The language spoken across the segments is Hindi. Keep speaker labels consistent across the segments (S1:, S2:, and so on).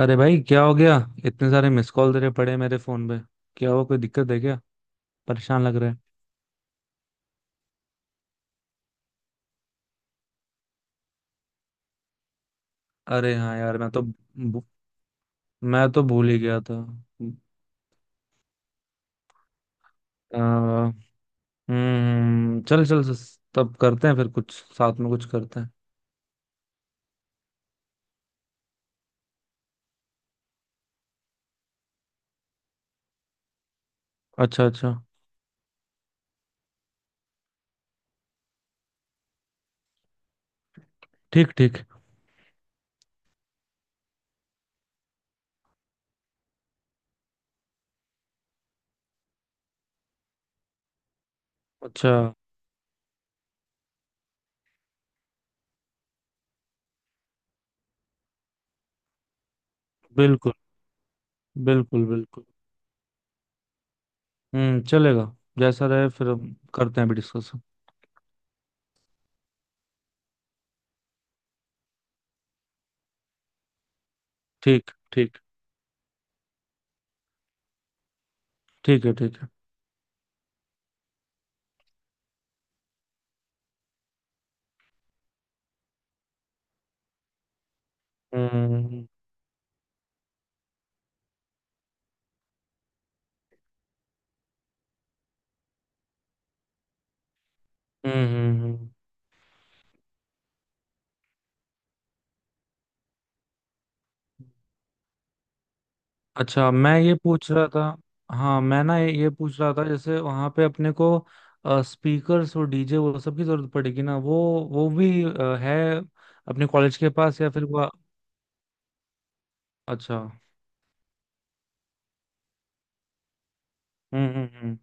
S1: अरे भाई क्या हो गया। इतने सारे मिस कॉल तेरे पड़े हैं मेरे फोन पे। क्या हुआ? कोई दिक्कत है क्या? परेशान लग रहा है। अरे हाँ यार, मैं तो भूल ही गया था। आ, हम्म, चल चल तब करते हैं फिर कुछ। साथ में कुछ करते हैं। अच्छा अच्छा। ठीक ठीक। अच्छा। बिल्कुल। बिल्कुल बिल्कुल। हम्म, चलेगा। जैसा रहे फिर हम करते हैं अभी डिस्कस। ठीक ठीक। ठीक है ठीक है। हम्म। हम्म हम्म। अच्छा, मैं ये पूछ रहा था। हाँ मैं ना ये पूछ रहा था जैसे वहां पे अपने को स्पीकर्स और डीजे वो सब की जरूरत पड़ेगी ना वो। वो भी है, अपने कॉलेज के पास या फिर वो। अच्छा। हम्म।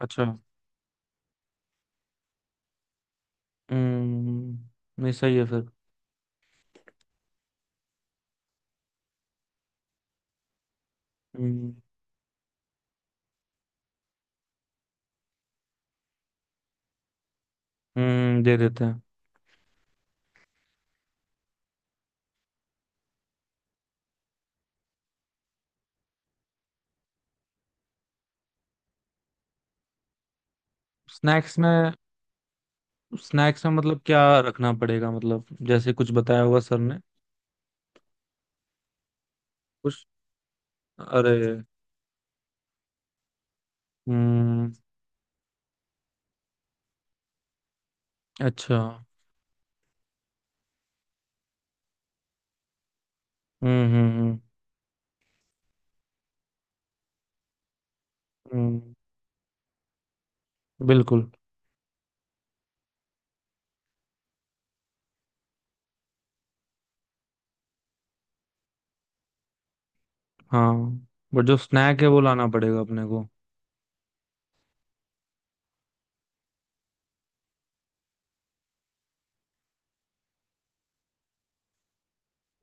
S1: अच्छा। हम्म, नहीं सही है फिर। हम्म। हम्म, दे देते हैं। स्नैक्स में। स्नैक्स में मतलब क्या रखना पड़ेगा? मतलब जैसे कुछ बताया होगा सर ने। कुछ। अरे। हम्म। अच्छा। हम्म हम्म हम्म हम्म। बिल्कुल हाँ। बट जो स्नैक है वो लाना पड़ेगा अपने को।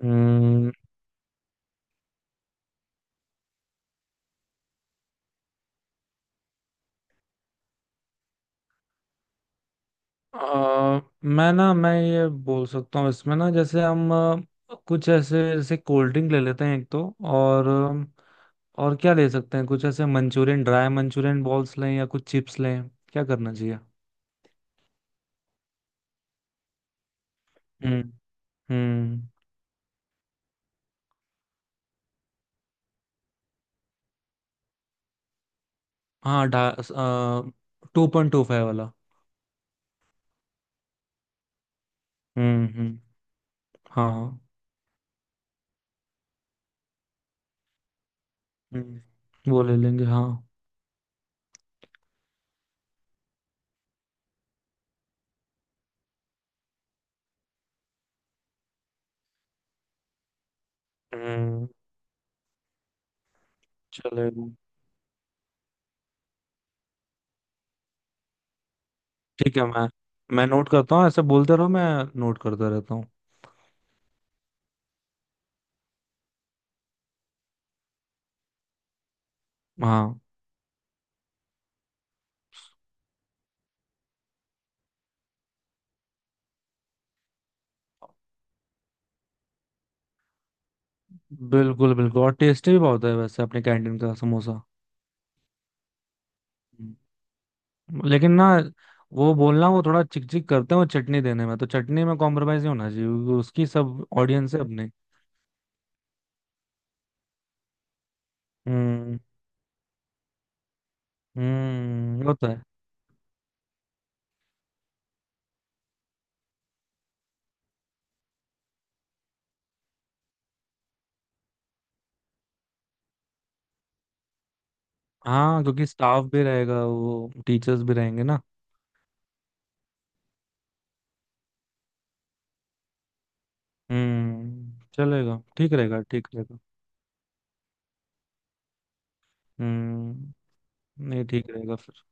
S1: हम्म। मैं ना मैं ये बोल सकता हूँ इसमें ना, जैसे हम कुछ ऐसे, जैसे कोल्ड ड्रिंक ले लेते हैं एक तो, और और क्या ले सकते हैं? कुछ ऐसे मंचूरियन, ड्राई मंचूरियन बॉल्स लें या कुछ चिप्स लें, क्या करना चाहिए? हम्म। हम्म। हाँ ढा 2.25 वाला। हम्म। हाँ। हम्म, वो ले लेंगे हाँ। हम्म, चलेगा। ठीक है। मैं नोट करता हूँ, ऐसे बोलते रहो, मैं नोट करता रहता हूँ। हाँ बिल्कुल बिल्कुल। और टेस्टी भी बहुत है वैसे अपने कैंटीन का समोसा। हम्म। लेकिन ना वो बोलना, वो थोड़ा चिक चिक करते हैं वो चटनी देने में, तो चटनी में कॉम्प्रोमाइज नहीं होना चाहिए क्योंकि उसकी सब ऑडियंस है अपने। हम्म हम्म, ये होता है। हाँ क्योंकि स्टाफ भी रहेगा, वो टीचर्स भी रहेंगे ना। हम्म। चलेगा, ठीक रहेगा ठीक रहेगा। हम्म। नहीं, ठीक रहेगा फिर।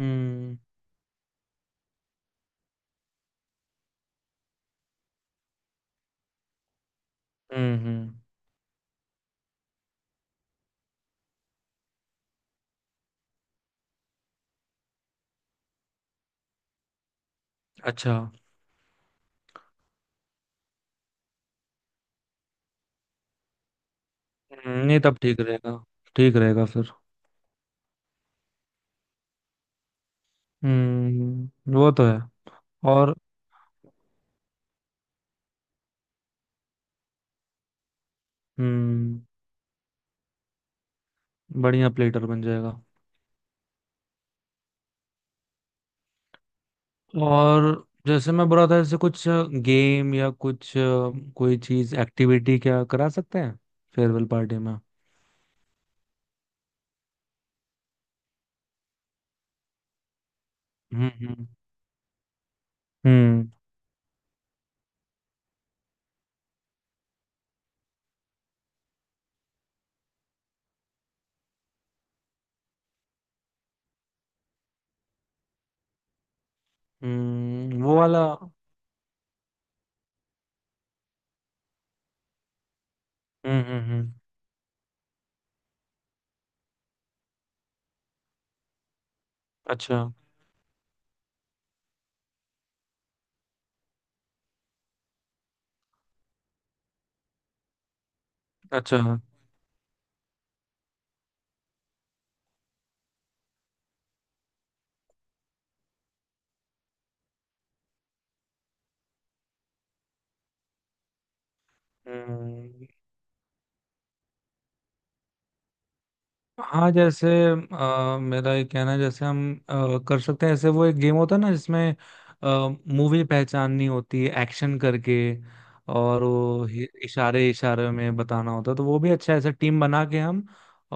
S1: हम्म हम्म। अच्छा। नहीं तब ठीक रहेगा। ठीक रहेगा फिर। हम्म, वो तो है। और हम्म, बढ़िया प्लेटर बन जाएगा। और जैसे मैं बोला था, जैसे कुछ गेम या कुछ कोई चीज एक्टिविटी क्या करा सकते हैं फेयरवेल पार्टी में? हम्म हम्म हम्म। वो वाला। हम्म। अच्छा। अच्छा। हम्म। हाँ जैसे मेरा ये कहना है, जैसे हम कर सकते हैं ऐसे, वो एक गेम होता है ना जिसमें मूवी पहचाननी होती है एक्शन करके, और वो इशारे इशारे में बताना होता है। तो वो भी अच्छा है, ऐसे टीम बना के हम।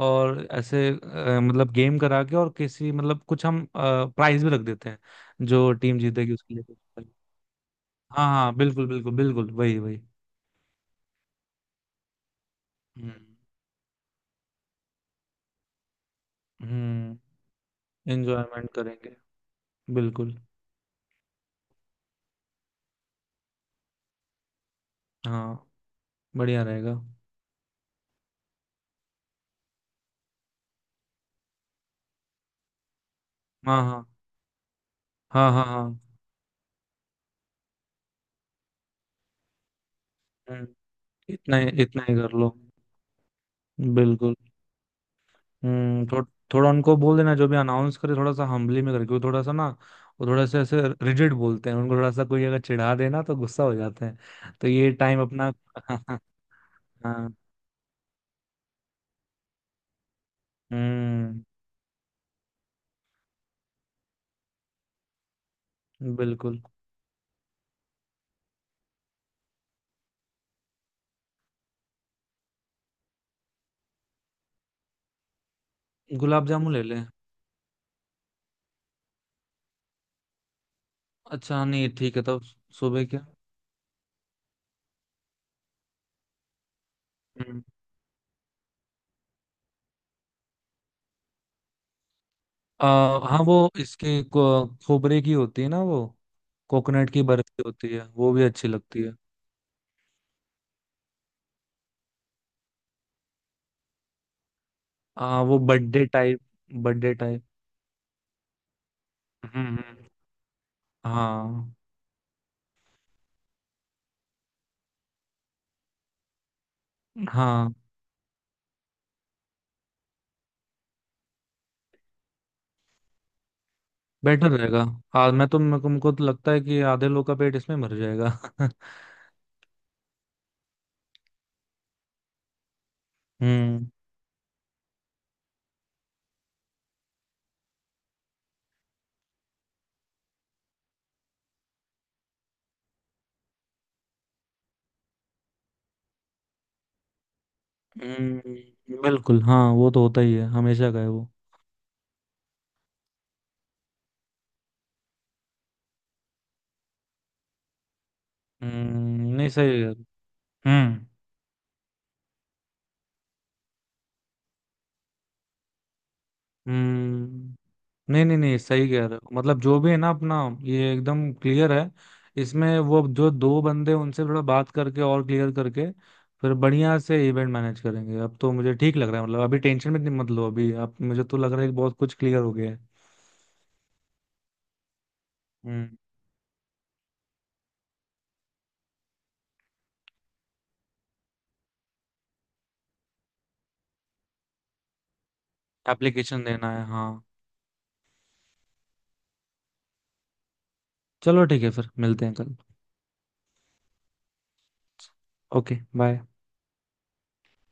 S1: और ऐसे मतलब गेम करा के, और किसी मतलब कुछ हम प्राइज भी रख देते हैं जो टीम जीतेगी उसके लिए कुछ। हाँ हाँ बिल्कुल बिल्कुल बिल्कुल, वही वही। हम्म हम्म, एंजॉयमेंट करेंगे। बिल्कुल। हाँ, बढ़िया रहेगा। हाँ हाँ हाँ। हाँ हाँ। हम्म, इतना ही कर लो। बिल्कुल। हम्म थो, थोड़ा उनको बोल देना जो भी अनाउंस करे थोड़ा सा हम्बली में करके, वो थोड़ा सा ना, वो थोड़ा सा ऐसे रिजिड बोलते हैं उनको, थोड़ा सा कोई अगर चिढ़ा देना तो गुस्सा हो जाते हैं। तो ये टाइम अपना हाँ। हम्म। बिल्कुल। गुलाब जामुन ले लें। अच्छा नहीं ठीक है तब। सुबह क्या? हम्म। आ, हाँ वो खोबरे की होती है ना वो, कोकोनट की बर्फी होती है, वो भी अच्छी लगती है। वो बर्थडे टाइप। Birthday type. हम्म। हाँ हाँ। बेटर रहेगा। आज मैं तो मेरे को तो लगता है कि आधे लोग का पेट इसमें भर जाएगा हम्म बिल्कुल हाँ, वो तो होता ही है हमेशा का है वो। हम्म, नहीं सही है। हम्म हम्म। नहीं नहीं नहीं, सही कह रहे हो। मतलब जो भी है ना अपना, ये एकदम क्लियर है। इसमें वो जो दो बंदे उनसे थोड़ा बात करके और क्लियर करके फिर बढ़िया से इवेंट मैनेज करेंगे। अब तो मुझे ठीक लग रहा है, मतलब अभी टेंशन में इतनी मत लो अभी। अब मुझे तो लग रहा है कि बहुत कुछ क्लियर हो गया है। हम्म। एप्लीकेशन देना है हाँ। चलो ठीक है फिर मिलते हैं कल। Okay bye.